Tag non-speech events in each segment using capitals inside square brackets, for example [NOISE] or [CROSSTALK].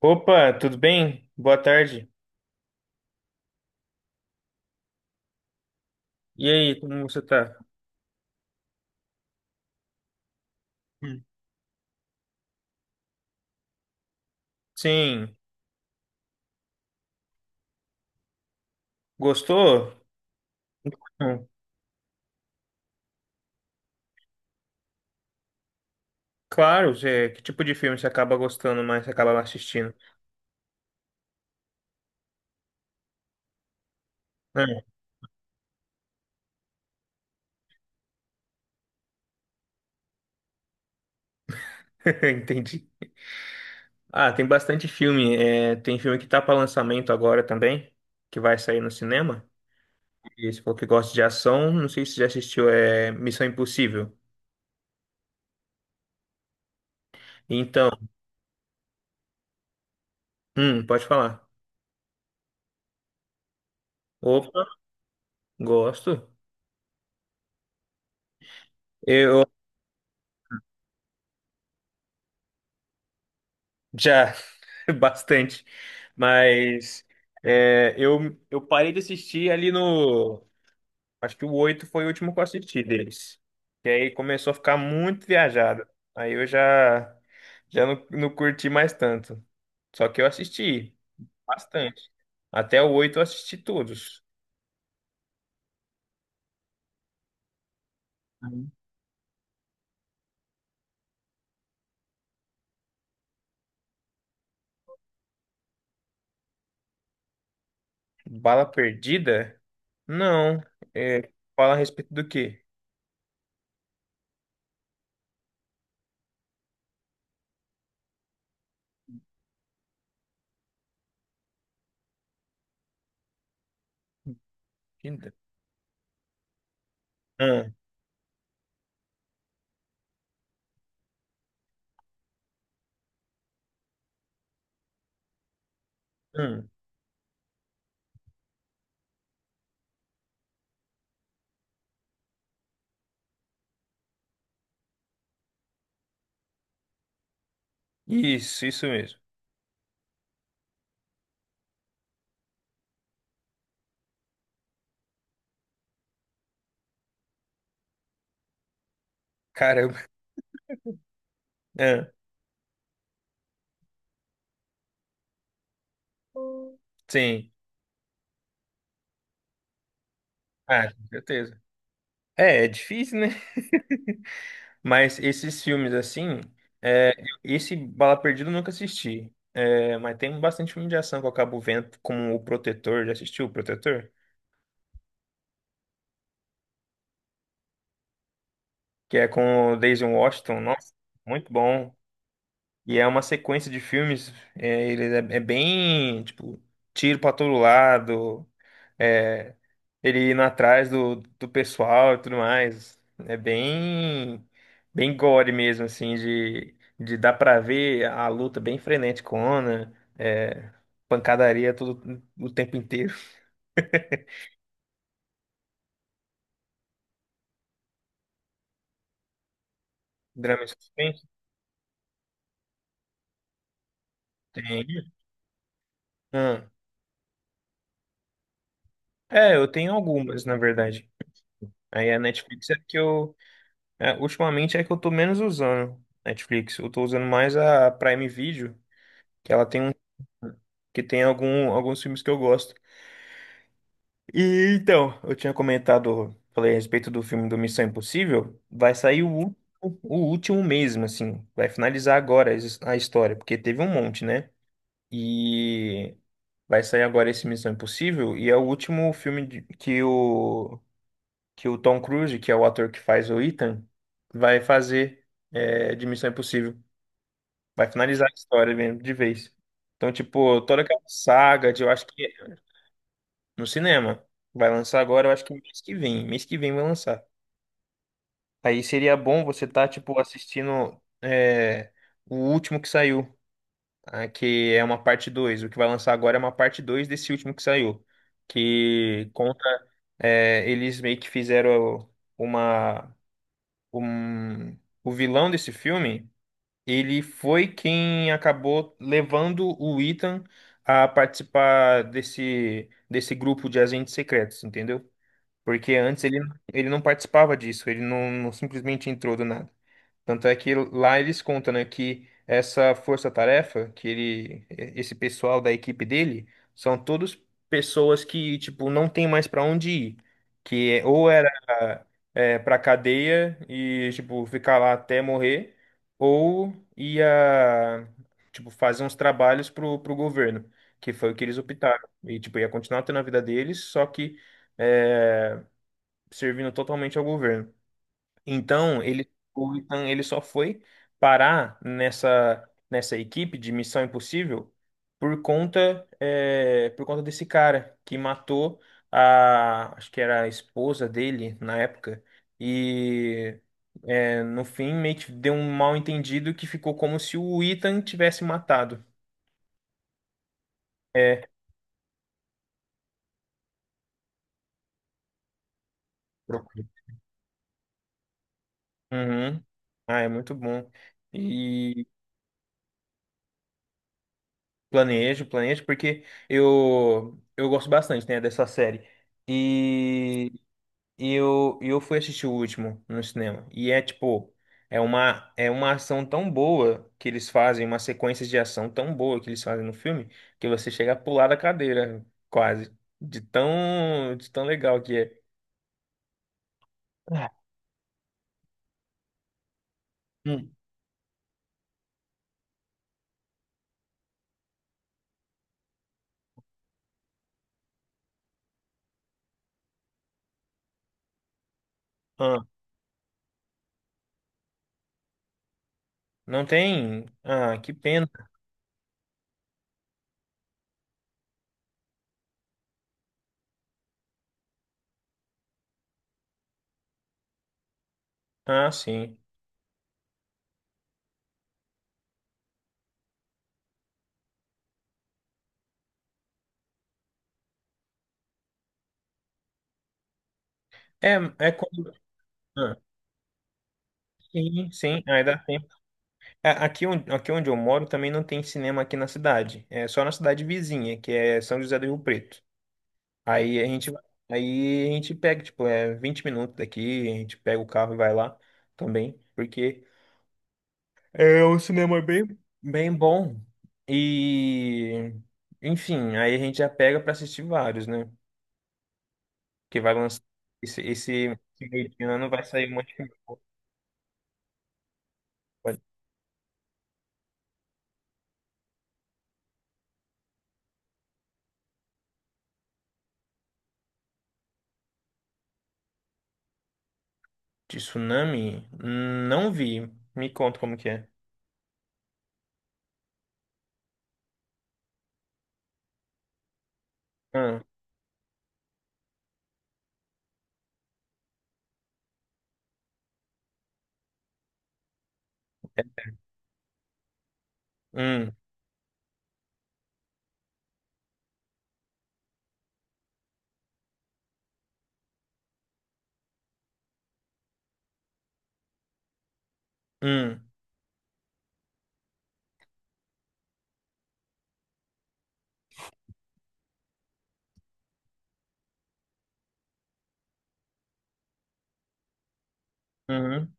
Opa, tudo bem? Boa tarde. E aí, como você tá? Hum. Sim, gostou? Hum, Claro, Zé. Que tipo de filme você acaba gostando mais, você acaba assistindo? Ah, [LAUGHS] entendi. Ah, tem bastante filme. É, tem filme que tá para lançamento agora também, que vai sair no cinema. E você falou que gosta de ação, não sei se você já assistiu, é Missão Impossível. Então, pode falar. Opa, gosto. Eu Já, [LAUGHS] bastante. Mas eu parei de assistir ali no. Acho que o 8 foi o último que eu assisti deles. E aí começou a ficar muito viajado. Aí eu já não curti mais tanto. Só que eu assisti bastante. Até o oito eu assisti todos. Uhum. Bala Perdida? Não. É, fala a respeito do quê? Hum, hum. Isso, isso mesmo. Caramba. Sim, ah, com certeza. É difícil, né? Mas esses filmes assim, é, esse Bala Perdida eu nunca assisti. É, mas tem bastante filme de ação que eu acabo vendo, como O Protetor, já assistiu O Protetor? Que é com o Daisy Washington, nossa, muito bom. E é uma sequência de filmes, ele é bem, tipo, tiro pra todo lado. É, ele indo atrás do pessoal e tudo mais. É bem gore mesmo, assim, de dar pra ver a luta bem freneticona, é, pancadaria todo, o tempo inteiro. [LAUGHS] Drama e suspense? Tem. Ah, eu tenho algumas, na verdade. Aí a Netflix é que eu. Ultimamente é que eu tô menos usando Netflix. Eu tô usando mais a Prime Video, que ela tem um, que tem alguns filmes que eu gosto. E então, eu tinha comentado, falei a respeito do filme do Missão Impossível, vai sair o último mesmo, assim, vai finalizar agora a história, porque teve um monte, né? E vai sair agora esse Missão Impossível, e é o último filme que o Tom Cruise, que é o ator que faz o Ethan, vai fazer de Missão Impossível. Vai finalizar a história mesmo, de vez. Então, tipo, toda aquela saga de, eu acho que no cinema. Vai lançar agora, eu acho que mês que vem. Mês que vem vai lançar. Aí seria bom você estar, tipo, assistindo o último que saiu, ah, que é uma parte dois. O que vai lançar agora é uma parte 2 desse último que saiu. Que conta. Eles meio que fizeram uma. Um, o vilão desse filme, ele foi quem acabou levando o Ethan a participar desse grupo de agentes secretos, entendeu? Porque antes ele não participava disso, ele não simplesmente entrou do nada. Tanto é que lá eles contam, né, que essa força-tarefa, que ele, esse pessoal da equipe dele, são todos pessoas que, tipo, não tem mais para onde ir. Ou era pra cadeia e, tipo, ficar lá até morrer, ou ia, tipo, fazer uns trabalhos pro governo, que foi o que eles optaram. E, tipo, ia continuar tendo a vida deles, só que. é, Servindo totalmente ao governo. Então, ele, o Ethan, ele só foi parar nessa equipe de Missão Impossível por conta desse cara que matou acho que era a esposa dele na época. E no fim, meio que deu um mal entendido que ficou como se o Ethan tivesse matado. É. Procure. Uhum. Ah, é muito bom. e Planejo, planejo, porque eu gosto bastante, né, dessa série. E e eu fui assistir o último no cinema. E é tipo, é uma ação tão boa que eles fazem, uma sequência de ação tão boa que eles fazem no filme, que você chega a pular da cadeira, quase. De tão legal que é. Ah, hum, ah, não tem. Ah, que pena. Ah, sim. É, é quando. Ah, sim, sim, ainda dá tempo. É, aqui, aqui onde eu moro também não tem cinema aqui na cidade. É só na cidade vizinha, que é São José do Rio Preto. Aí a gente, aí a gente pega, tipo, é 20 minutos daqui, a gente pega o carro e vai lá também, porque é um cinema bem, bem bom. E, enfim, aí a gente já pega pra assistir vários, né? Que vai lançar esse, esse, esse meio de ano vai sair um monte de filme. De tsunami? Não vi. Me conta como que é. Hum, é- hum. Hum. Uhum.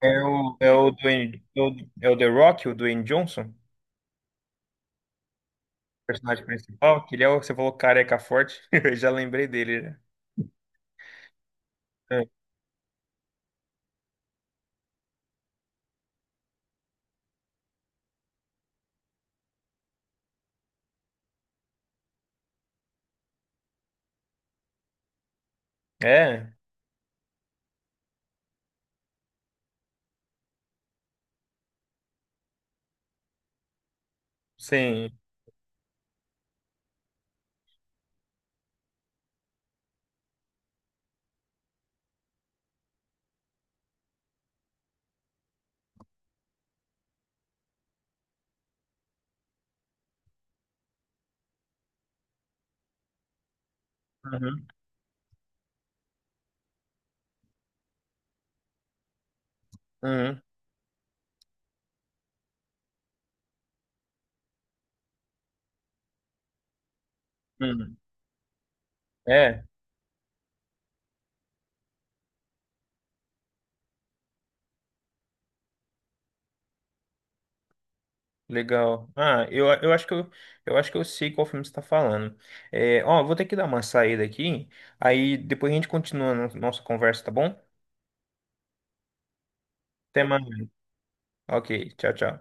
É o Dwayne, é o The Rock, o Dwayne Johnson, o personagem principal, que ele é o que você falou careca forte, [LAUGHS] eu já lembrei dele, né? É, é, sim. Uhum, uhum, uhum. É, Legal. Ah, eu acho que eu sei qual filme você está falando. Ó, vou ter que dar uma saída aqui, aí depois a gente continua a nossa conversa, tá bom? Até mais. Ok, tchau, tchau.